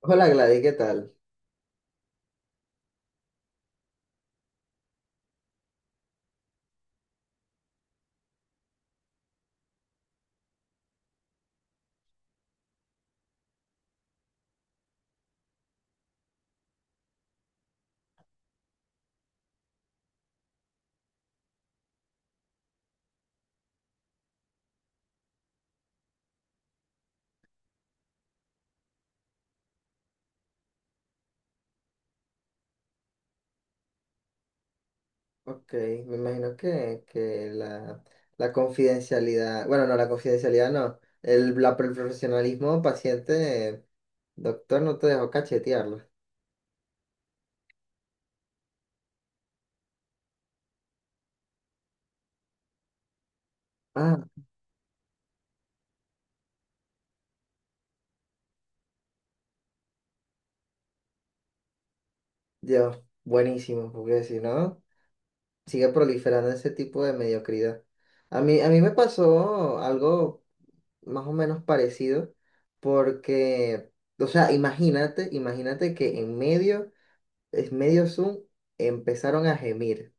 Hola Gladys, ¿qué tal? Ok, me imagino que la confidencialidad, bueno, no, la confidencialidad no, el profesionalismo paciente, doctor, no te dejó cachetearlo. Ah, Dios, buenísimo, porque si no, sigue proliferando ese tipo de mediocridad. A mí me pasó algo más o menos parecido, porque, o sea, imagínate que en medio, es medio Zoom, empezaron a gemir.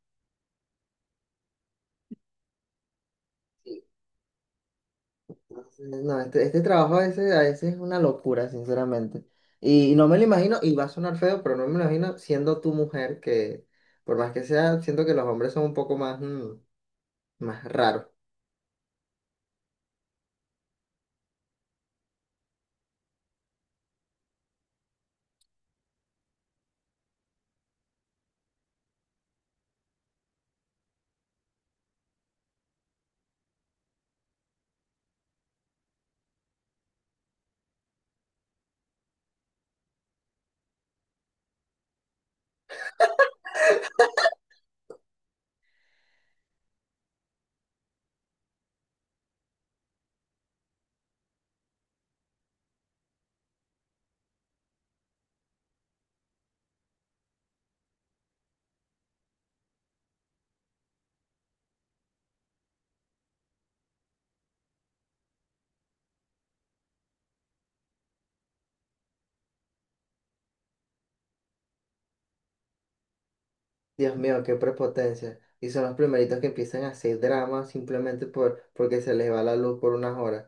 No, este trabajo a veces es una locura, sinceramente. Y no me lo imagino, y va a sonar feo, pero no me lo imagino siendo tu mujer, que por más que sea, siento que los hombres son un poco más, más raros. Dios mío, qué prepotencia. Y son los primeritos que empiezan a hacer drama simplemente porque se les va la luz por unas horas.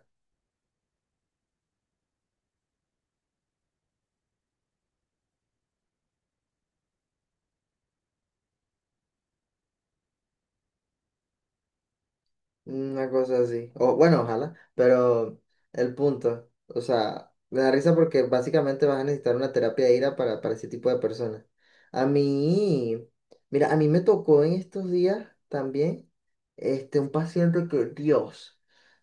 Una cosa así. O bueno, ojalá, pero el punto, o sea, me da risa porque básicamente vas a necesitar una terapia de ira para ese tipo de personas. A mí, mira, a mí me tocó en estos días también, este, un paciente que, Dios,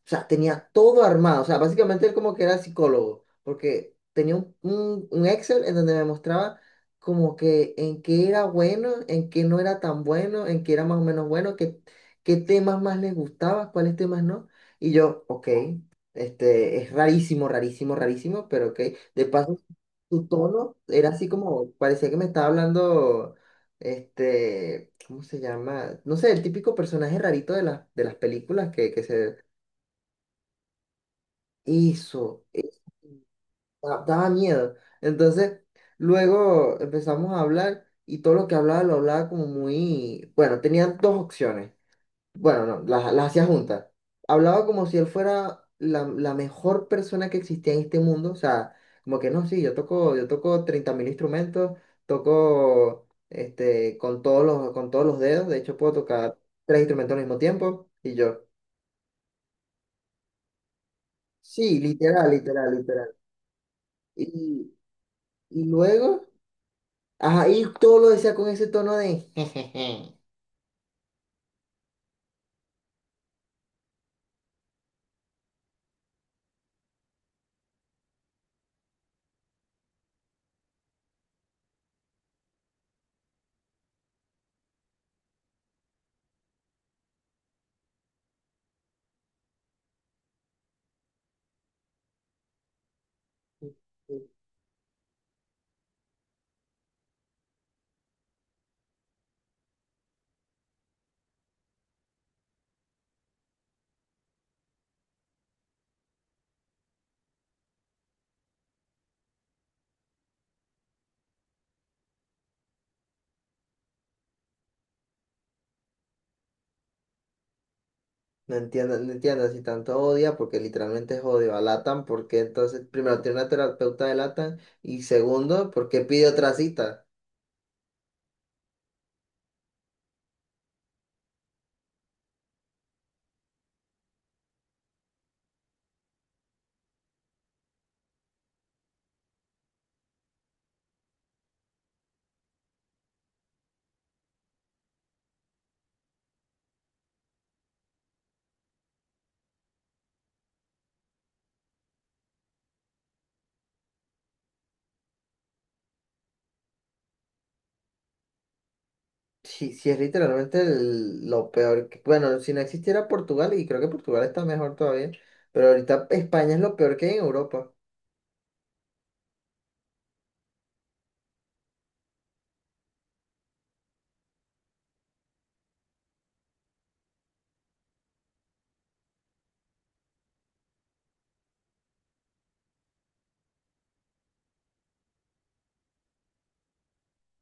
o sea, tenía todo armado, o sea, básicamente él como que era psicólogo, porque tenía un Excel en donde me mostraba como que en qué era bueno, en qué no era tan bueno, en qué era más o menos bueno, qué temas más les gustaba, cuáles temas no. Y yo, ok, este, es rarísimo, rarísimo, rarísimo, pero ok. De paso, su tono era así como, parecía que me estaba hablando, este, ¿cómo se llama? No sé, el típico personaje rarito de las películas que se... Hizo, daba miedo. Entonces, luego empezamos a hablar y todo lo que hablaba lo hablaba como muy, bueno, tenían dos opciones. Bueno, no, las hacía juntas. Hablaba como si él fuera la mejor persona que existía en este mundo. O sea, como que no, sí, yo toco 30.000 instrumentos, toco este, con todos los dedos. De hecho, puedo tocar tres instrumentos al mismo tiempo. Y yo, sí, literal, literal, literal. Y, y luego, ajá, y todo lo decía con ese tono de jejeje. No entiendo, no entiendo si tanto odia, porque literalmente es odio a LATAM, porque entonces, primero, tiene una terapeuta de LATAM y segundo, ¿por qué pide otra cita? Sí, sí, es literalmente lo peor. Bueno si no existiera Portugal, y creo que Portugal está mejor todavía, pero ahorita España es lo peor que hay en Europa.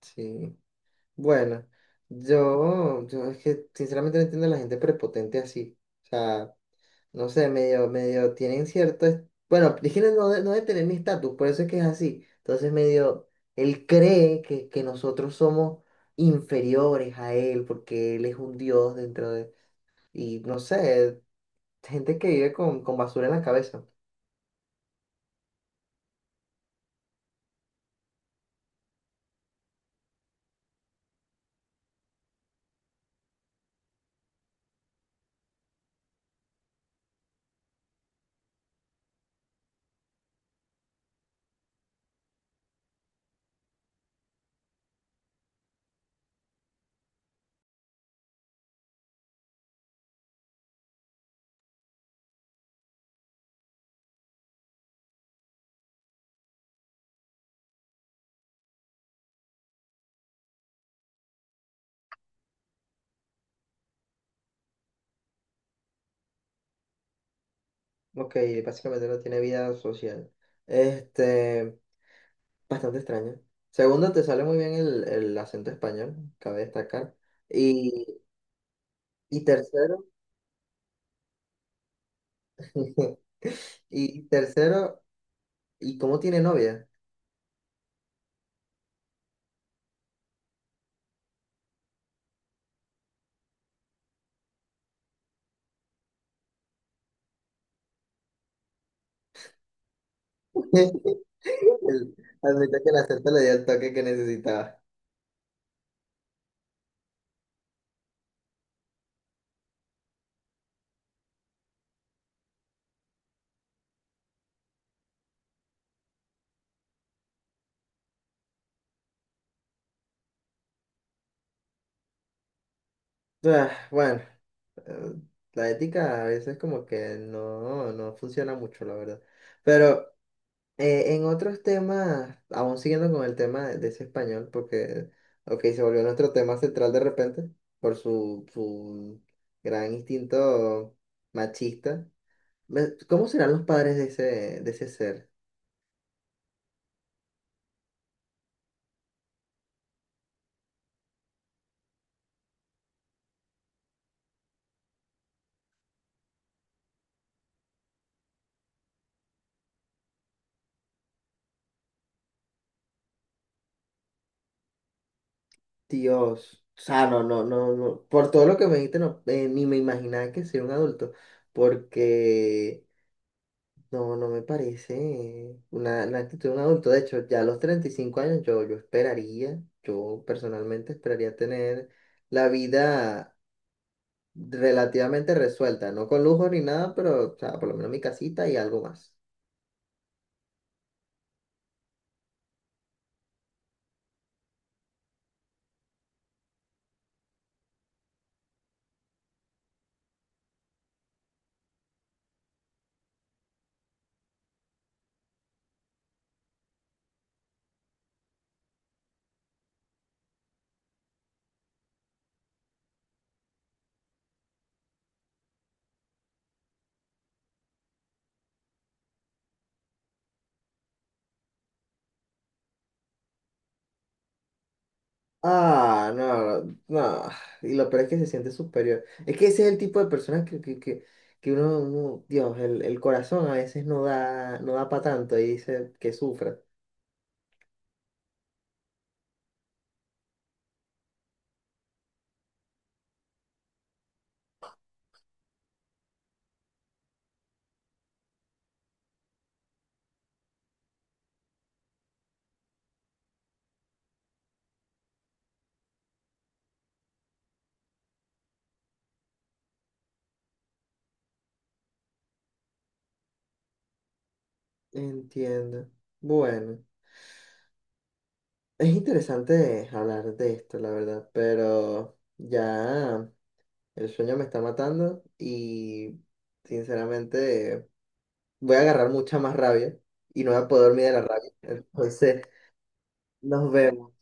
Sí. Bueno, yo es que sinceramente no entiendo a la gente prepotente así. O sea, no sé, medio, tienen cierto, bueno, Priscila no, no debe tener mi estatus, por eso es que es así. Entonces medio, él cree que nosotros somos inferiores a él, porque él es un dios dentro de, y no sé, gente que vive con basura en la cabeza. Ok, básicamente no tiene vida social. Este, bastante extraño. Segundo, te sale muy bien el acento español, cabe destacar. Y, y tercero, y tercero, ¿y cómo tiene novia? El- Admito que la acepto le dio el toque que necesitaba. Ah, bueno, eh, la ética a veces como que no, no funciona mucho, la verdad. Pero en otros temas, aún siguiendo con el tema de ese español, porque, ok, se volvió nuestro tema central de repente por su gran instinto machista. ¿Cómo serán los padres de ese ser? Dios, o sea, no, no, no, no, por todo lo que me dijiste, no, ni me imaginaba que sería un adulto, porque no, no me parece una, la actitud de un adulto. De hecho, ya a los 35 años yo esperaría, yo personalmente esperaría tener la vida relativamente resuelta, no con lujo ni nada, pero, o sea, por lo menos mi casita y algo más. Ah, no, no. Y lo peor es que se siente superior. Es que ese es el tipo de personas que uno, Dios, el corazón a veces no da, no da para tanto y dice que sufra. Entiendo. Bueno, es interesante hablar de esto, la verdad, pero ya el sueño me está matando y sinceramente voy a agarrar mucha más rabia y no voy a poder dormir de la rabia. Entonces, nos vemos.